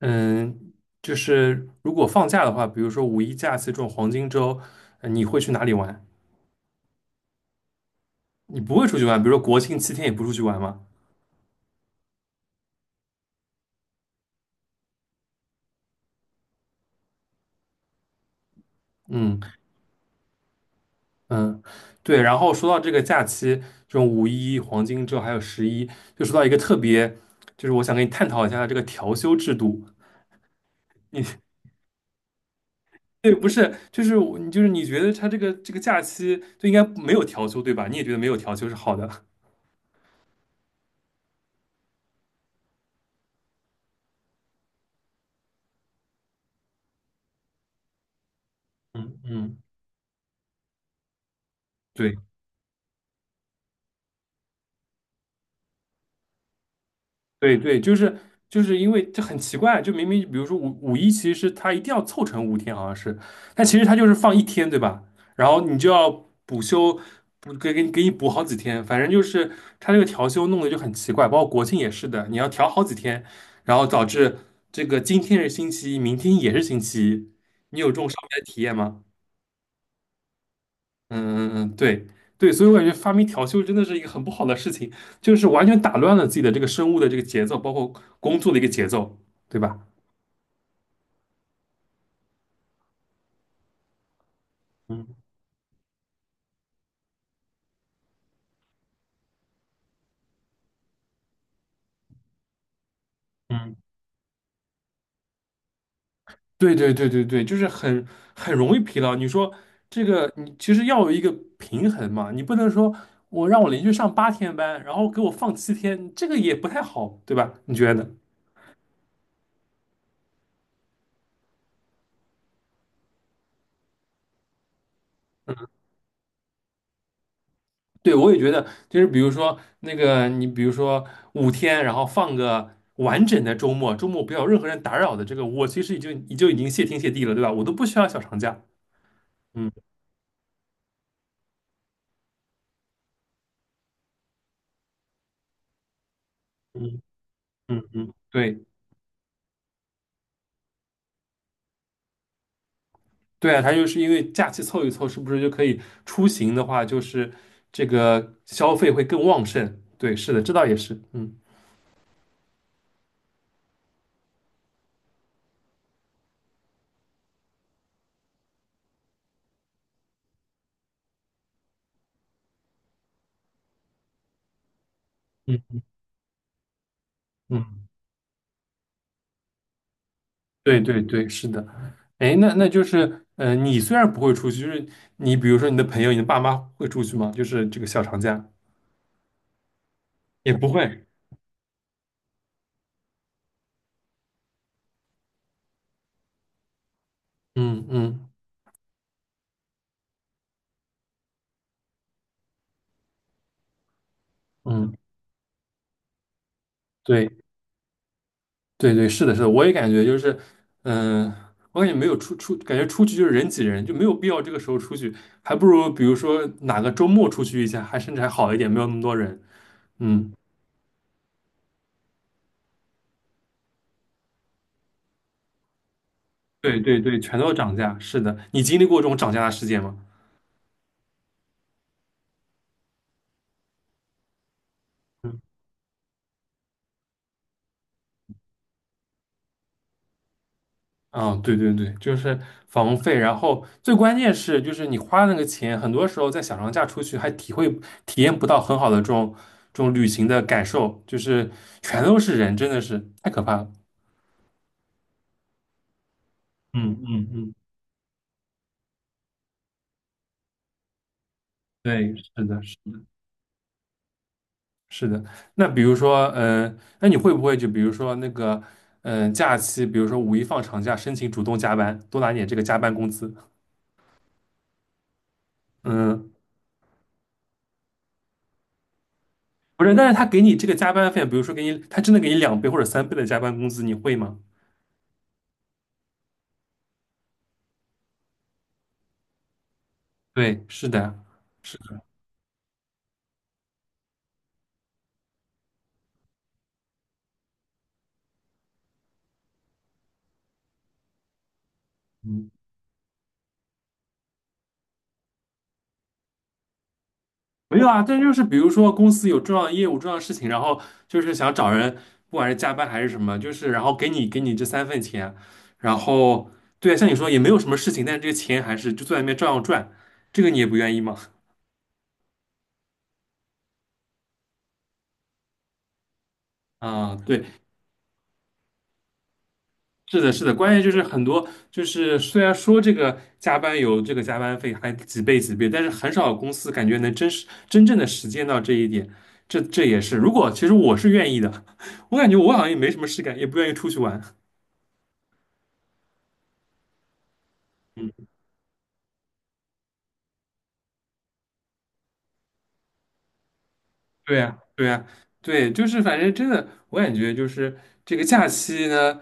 嗯，就是如果放假的话，比如说五一假期这种黄金周，你会去哪里玩？你不会出去玩，比如说国庆七天也不出去玩吗？嗯嗯，对。然后说到这个假期，这种五一、黄金周还有十一，就说到一个特别，就是我想跟你探讨一下这个调休制度。你 对，不是，就是我就是你觉得他这个假期就应该没有调休，对吧？你也觉得没有调休是好的。嗯嗯，对。对对，就是就是因为这很奇怪，就明明比如说五一，其实是它一定要凑成五天，好像是，但其实他就是放一天，对吧？然后你就要补休，补给你补好几天，反正就是他这个调休弄得就很奇怪，包括国庆也是的，你要调好几天，然后导致这个今天是星期一，明天也是星期一，你有这种上班体验吗？嗯嗯嗯，对对，所以我感觉发明调休真的是一个很不好的事情，就是完全打乱了自己的这个生物的这个节奏，包括工作的一个节奏，对吧？嗯嗯，对对对对对，就是很很容易疲劳。你说这个，你其实要有一个平衡嘛，你不能说我让我连续上8天班，然后给我放七天，这个也不太好，对吧？你觉得呢？对，我也觉得，就是比如说那个，你比如说五天，然后放个完整的周末，周末不要有任何人打扰的这个，我其实已经谢天谢地了，对吧？我都不需要小长假。嗯嗯嗯嗯，对对啊，他就是因为假期凑一凑，是不是就可以出行的话，就是这个消费会更旺盛？对，是的，这倒也是。嗯嗯嗯，对对对，是的。哎，那那就是，你虽然不会出去，就是你比如说你的朋友、你的爸妈会出去吗？就是这个小长假。也不会，嗯嗯嗯，对对对，是的，是的，我也感觉就是，嗯、我感觉没有出，感觉出去就是人挤人，就没有必要这个时候出去，还不如比如说哪个周末出去一下，还甚至还好一点，没有那么多人。嗯，对对对，全都涨价，是的，你经历过这种涨价的事件吗？啊，对对对，就是房费，然后最关键是，就是你花那个钱，很多时候在小长假出去还体验不到很好的这种这种旅行的感受，就是全都是人，真的是太可怕了。嗯嗯嗯，对，是的，是的，是的。那比如说，嗯、那你会不会就比如说那个，嗯、假期，比如说五一放长假，申请主动加班，多拿点这个加班工资？嗯，不是，但是他给你这个加班费，比如说给你，他真的给你2倍或者3倍的加班工资，你会吗？对，是的，是的，嗯没有啊，但就是比如说公司有重要业务、重要事情，然后就是想找人，不管是加班还是什么，就是然后给你这三份钱，然后对啊，像你说也没有什么事情，但是这个钱还是就坐在那边照样赚，这个你也不愿意吗？啊，对，是的，是的，关键就是很多，就是虽然说这个加班有这个加班费还几倍几倍，但是很少有公司感觉能真实真正的实践到这一点。这这也是，如果其实我是愿意的，我感觉我好像也没什么事干，也不愿意出去玩。对呀，对呀对，就是反正真的，我感觉就是这个假期呢，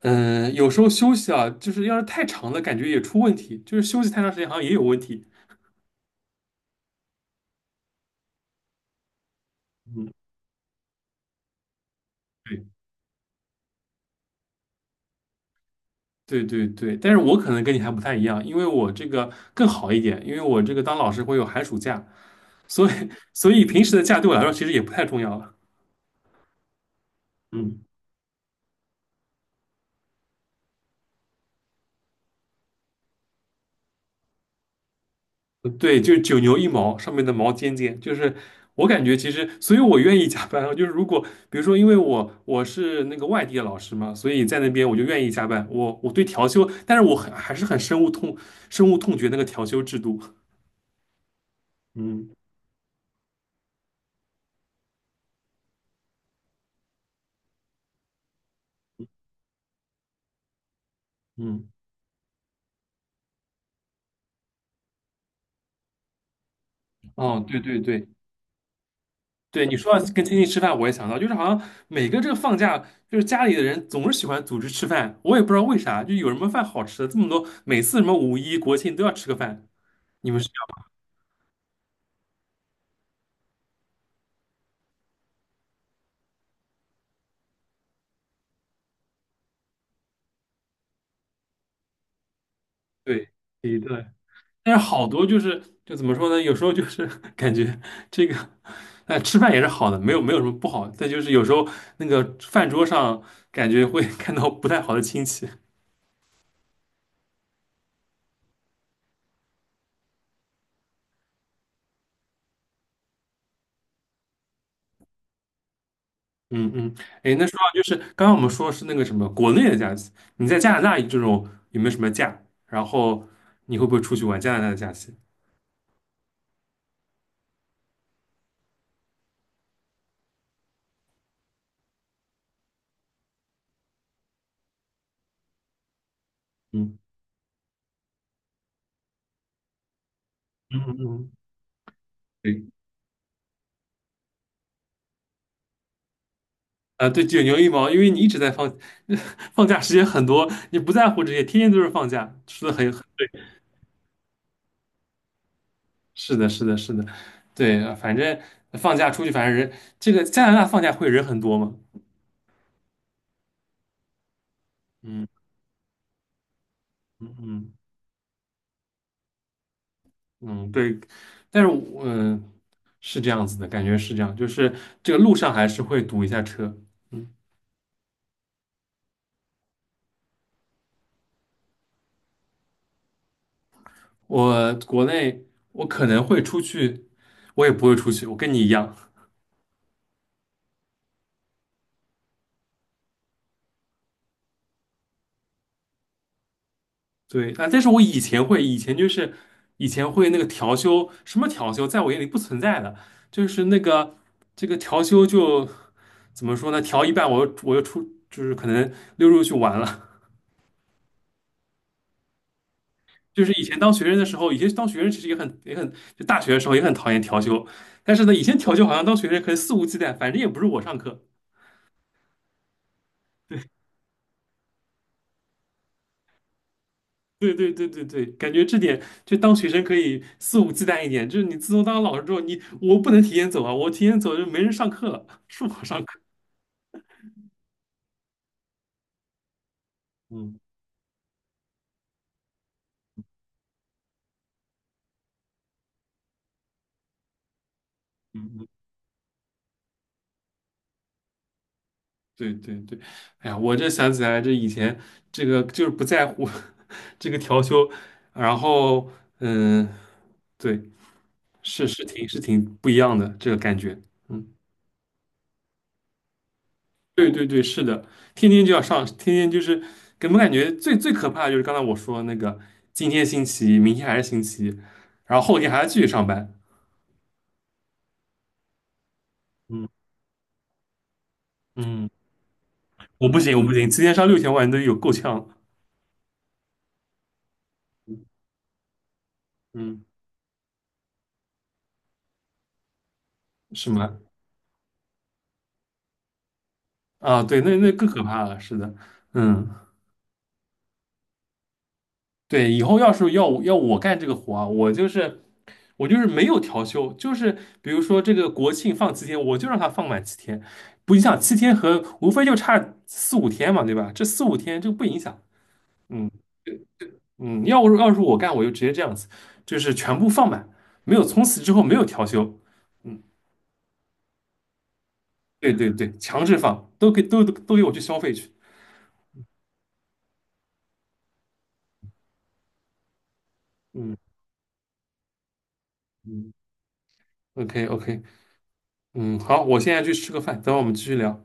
嗯、有时候休息啊，就是要是太长了，感觉也出问题，就是休息太长时间好像也有问题。嗯，对。对对对，但是我可能跟你还不太一样，因为我这个更好一点，因为我这个当老师会有寒暑假，所以所以平时的假对我来说其实也不太重要了。嗯，对，就是九牛一毛，上面的毛尖尖，就是我感觉其实，所以我愿意加班啊就是如果比如说，因为我是那个外地的老师嘛，所以在那边我就愿意加班。我对调休，但是我很还是很深恶痛绝那个调休制度。嗯嗯，哦，对对对，对你说到跟亲戚吃饭，我也想到，就是好像每个这个放假，就是家里的人总是喜欢组织吃饭，我也不知道为啥，就有什么饭好吃的这么多，每次什么五一、国庆都要吃个饭。你们是要对，对对，但是好多就是就怎么说呢？有时候就是 感觉这个，吃饭也是好的，没有没有什么不好，但就是有时候那个饭桌上感觉会 看到不太好的亲戚。嗯嗯，哎，那说到就是刚刚我们说是那个什么国内的假期，你在加拿大这种有没有什么假？然后你会不会出去玩加拿大的假期？嗯嗯嗯，嗯对啊，对，九牛一毛，因为你一直在放 放假时间很多，你不在乎这些，天天都是放假，说的很很是的，是的，是的，对，反正放假出去，反正人这个加拿大放假会人很多嘛，嗯嗯。嗯，对，但是我，嗯、是这样子的，感觉是这样，就是这个路上还是会堵一下车。嗯，我国内我可能会出去，我也不会出去，我跟你一样。对啊，但是我以前会，以前就是以前会那个调休，什么调休，在我眼里不存在的，就是那个这个调休就怎么说呢？调一半我又出，就是可能溜出去玩了，就是以前当学生的时候，以前当学生其实也很也很，就大学的时候也很讨厌调休，但是呢，以前调休好像当学生可以肆无忌惮，反正也不是我上课。对对对对对，对，感觉这点就当学生可以肆无忌惮一点，就是你自从当了老师之后，你我不能提前走啊，我提前走就没人上课了，是我上课。嗯嗯嗯，对对对，哎呀，我这想起来这以前这个就是不在乎 这个调休，然后嗯，对，是是挺是挺不一样的这个感觉。嗯。对对对，是的，天天就要上，天天就是给我们感觉最最可怕的就是刚才我说的那个，今天星期一，明天还是星期一，然后后天还要继续上班。嗯嗯，我不行，我不行，今天上6天，我感都有够呛了嗯，是吗？啊，对，那那更可怕了，是的，嗯。对，以后要是要我干这个活啊，我就是我就是没有调休，就是比如说这个国庆放七天，我就让他放满七天，不影响七天和无非就差四五天嘛，对吧？这四五天这个不影响。嗯嗯，要是我干，我就直接这样子，就是全部放满，没有从此之后没有调休。嗯，对对对，强制放，都给都给我去消费去。嗯嗯，OK OK，嗯，好，我现在去吃个饭，等会儿我们继续聊。